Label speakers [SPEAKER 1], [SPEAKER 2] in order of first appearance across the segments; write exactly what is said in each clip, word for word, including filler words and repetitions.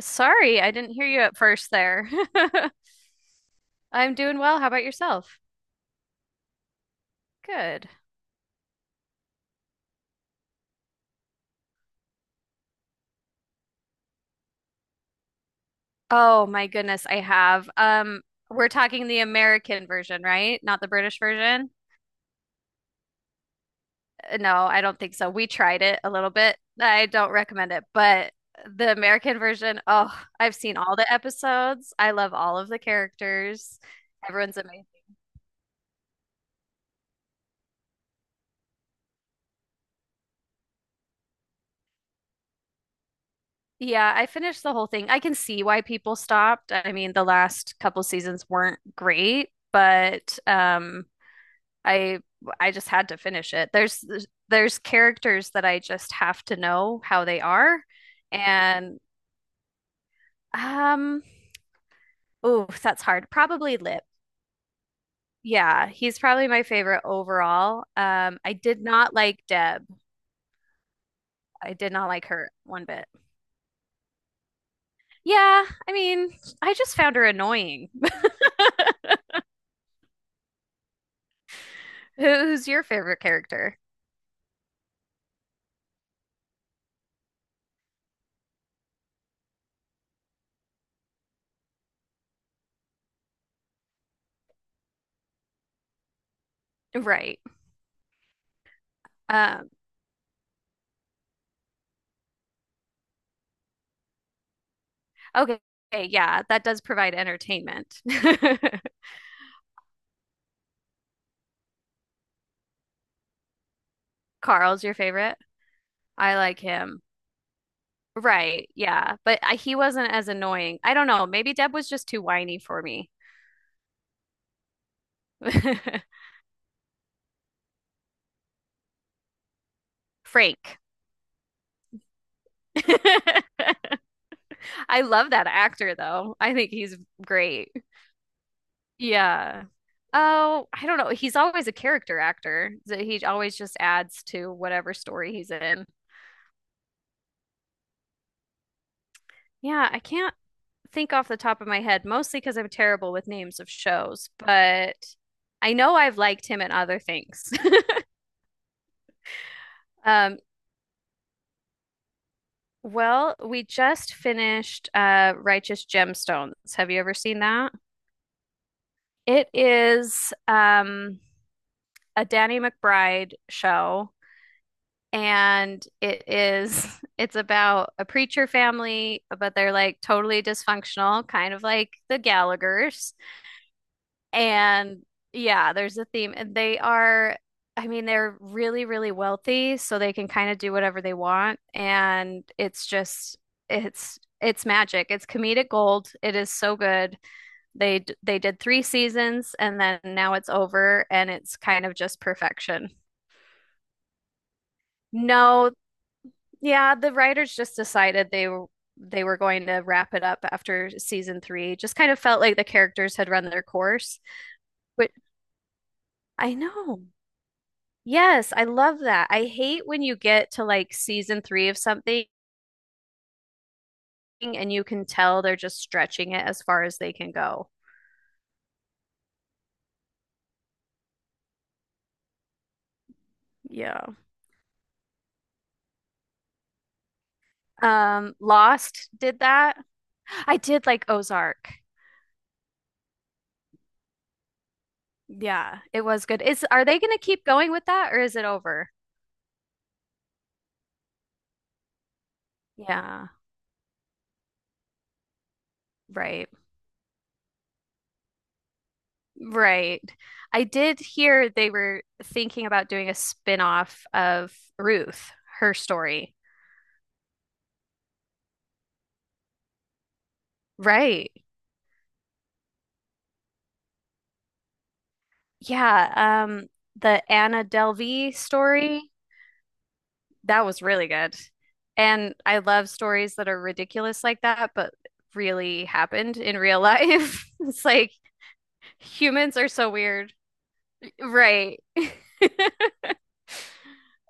[SPEAKER 1] Sorry, I didn't hear you at first there. I'm doing well. How about yourself? Good. Oh my goodness, I have. Um, we're talking the American version, right? Not the British version. Uh, No, I don't think so. We tried it a little bit. I don't recommend it, but the American version, oh, I've seen all the episodes. I love all of the characters. Everyone's amazing. Yeah, I finished the whole thing. I can see why people stopped. I mean, the last couple seasons weren't great, but um I I just had to finish it. There's there's characters that I just have to know how they are, and um, oh, that's hard. Probably Lip. Yeah, he's probably my favorite overall. Um, I did not like Deb. I did not like her one bit. Yeah, I mean, I just found her annoying. Who's your favorite character? Right. Um, okay. Yeah, that does provide entertainment. Carl's your favorite. I like him. Right. Yeah. But I, he wasn't as annoying. I don't know. Maybe Deb was just too whiny for me. Frank. I love that actor, though. I think he's great. Yeah. Oh, I don't know. He's always a character actor. So he always just adds to whatever story he's in. Yeah, I can't think off the top of my head, mostly because I'm terrible with names of shows, but I know I've liked him in other things. Um, well, we just finished uh, Righteous Gemstones. Have you ever seen that? It is um, a Danny McBride show, and it is it's about a preacher family, but they're like totally dysfunctional, kind of like the Gallaghers. And yeah, there's a theme. And they are, I mean, they're really, really wealthy, so they can kind of do whatever they want. And it's just, it's, it's magic. It's comedic gold. It is so good. They d- they did three seasons and then now it's over and it's kind of just perfection. No, yeah, the writers just decided they were they were going to wrap it up after season three. Just kind of felt like the characters had run their course, but I know. Yes, I love that. I hate when you get to like season three of something and you can tell they're just stretching it as far as they can go. Yeah. Um, Lost did that. I did like Ozark. Yeah, it was good. Is are they going to keep going with that or is it over? Yeah, right. Right. I did hear they were thinking about doing a spin-off of Ruth, her story. Right. Yeah, um, the Anna Delvey story, that was really good. And I love stories that are ridiculous like that, but really happened in real life. It's like humans are so weird. Right.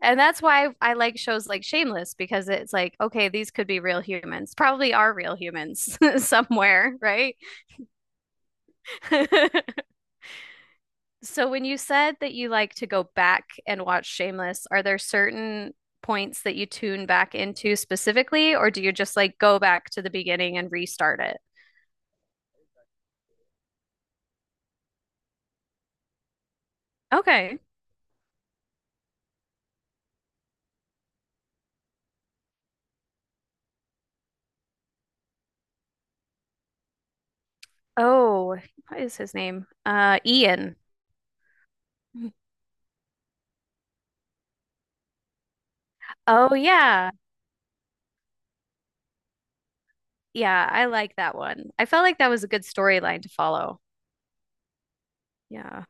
[SPEAKER 1] And that's why I like shows like Shameless because it's like, okay, these could be real humans, probably are real humans somewhere, right? So when you said that you like to go back and watch Shameless, are there certain points that you tune back into specifically, or do you just like go back to the beginning and restart it? Okay. Oh, what is his name? Uh, Ian. Oh yeah. Yeah, I like that one. I felt like that was a good storyline to follow. Yeah.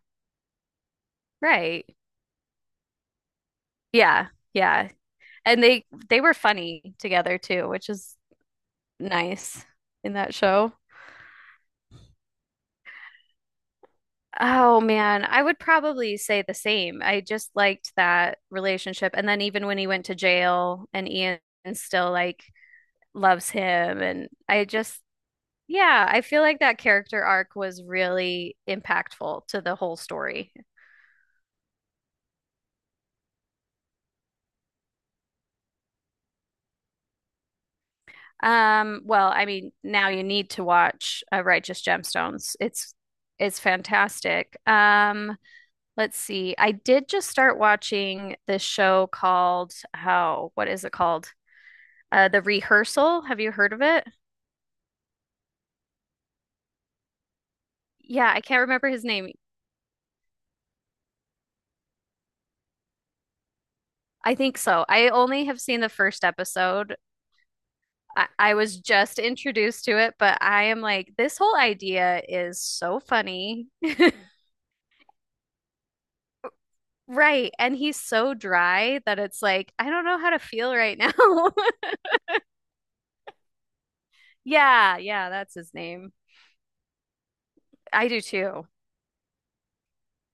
[SPEAKER 1] Right. Yeah. Yeah. And they they were funny together too, which is nice in that show. Oh man, I would probably say the same. I just liked that relationship. And then even when he went to jail and Ian still like loves him and I just Yeah, I feel like that character arc was really impactful to the whole story. Um, well, I mean, now you need to watch uh, Righteous Gemstones. It's it's fantastic. Um, let's see. I did just start watching this show called, oh, what is it called? Uh, The Rehearsal. Have you heard of it? Yeah, I can't remember his name. I think so. I only have seen the first episode. I, I was just introduced to it, but I am like, this whole idea is so funny. Right. And he's so dry that it's like, I don't know how to feel right now. Yeah, yeah, that's his name. I do too.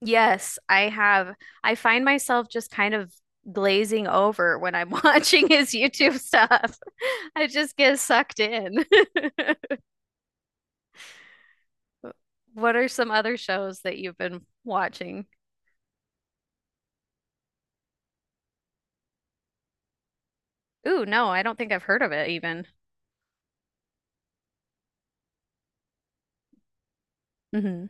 [SPEAKER 1] Yes, I have. I find myself just kind of glazing over when I'm watching his YouTube stuff. I just get sucked in. What are some other shows that you've been watching? Ooh, no, I don't think I've heard of it even. Hmm.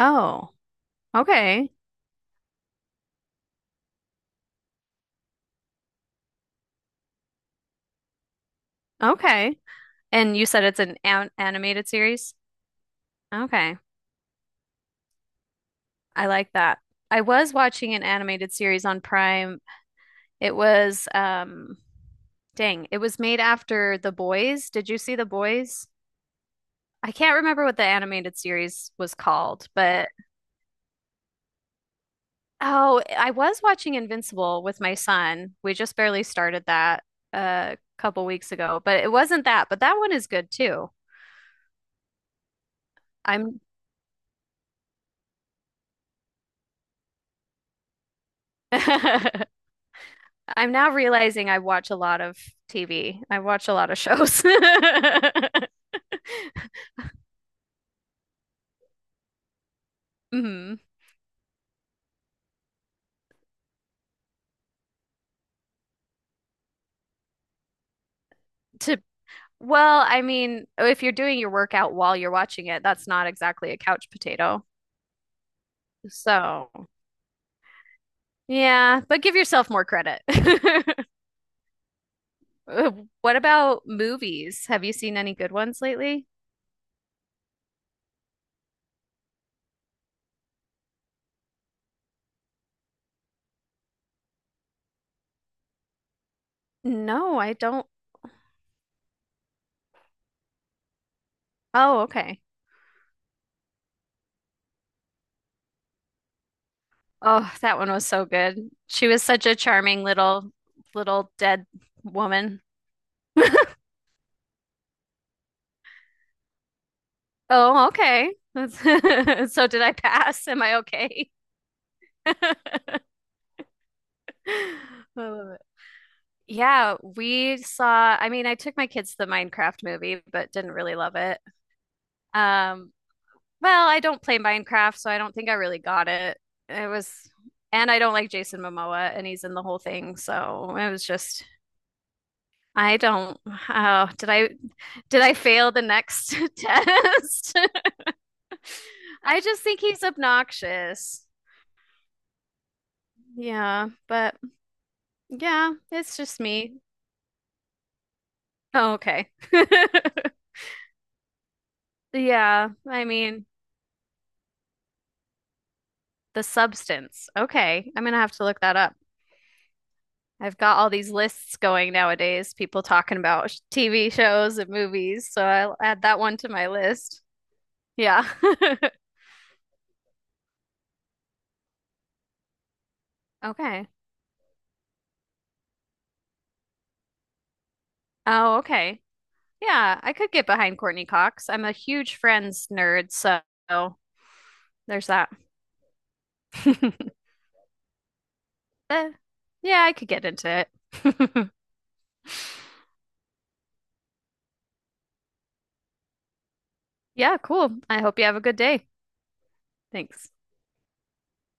[SPEAKER 1] Oh, okay. Okay. And you said it's an, an animated series? Okay. I like that. I was watching an animated series on Prime. It was um dang, it was made after The Boys. Did you see The Boys? I can't remember what the animated series was called, but oh, I was watching Invincible with my son. We just barely started that a couple weeks ago, but it wasn't that, but that one is good too. I'm I'm now realizing I watch a lot of T V. I watch a lot of shows. Mhm. To well, I mean, if you're doing your workout while you're watching it, that's not exactly a couch potato. So, yeah, but give yourself more credit. Uh, what about movies? Have you seen any good ones lately? No, I don't. Oh, okay. Oh, that one was so good. She was such a charming little little dead woman. Oh, okay. That's- So did I pass? Am I okay? I love it. Yeah, we saw, I mean, I took my kids to the Minecraft movie, but didn't really love it. Um, Well, I don't play Minecraft, so I don't think I really got it. It was, and I don't like Jason Momoa, and he's in the whole thing, so it was just, I don't. Oh, did I, did I fail the next test? I just think he's obnoxious. Yeah, but yeah, it's just me. Oh, okay. Yeah, I mean, the substance. Okay, I'm gonna have to look that up. I've got all these lists going nowadays, people talking about sh- T V shows and movies, so I'll add that one to my list. Yeah. Okay. Oh, okay. Yeah, I could get behind Courtney Cox. I'm a huge Friends nerd, so there's that. Eh, yeah, I could get into it. Yeah, cool. I hope you have a good day. Thanks.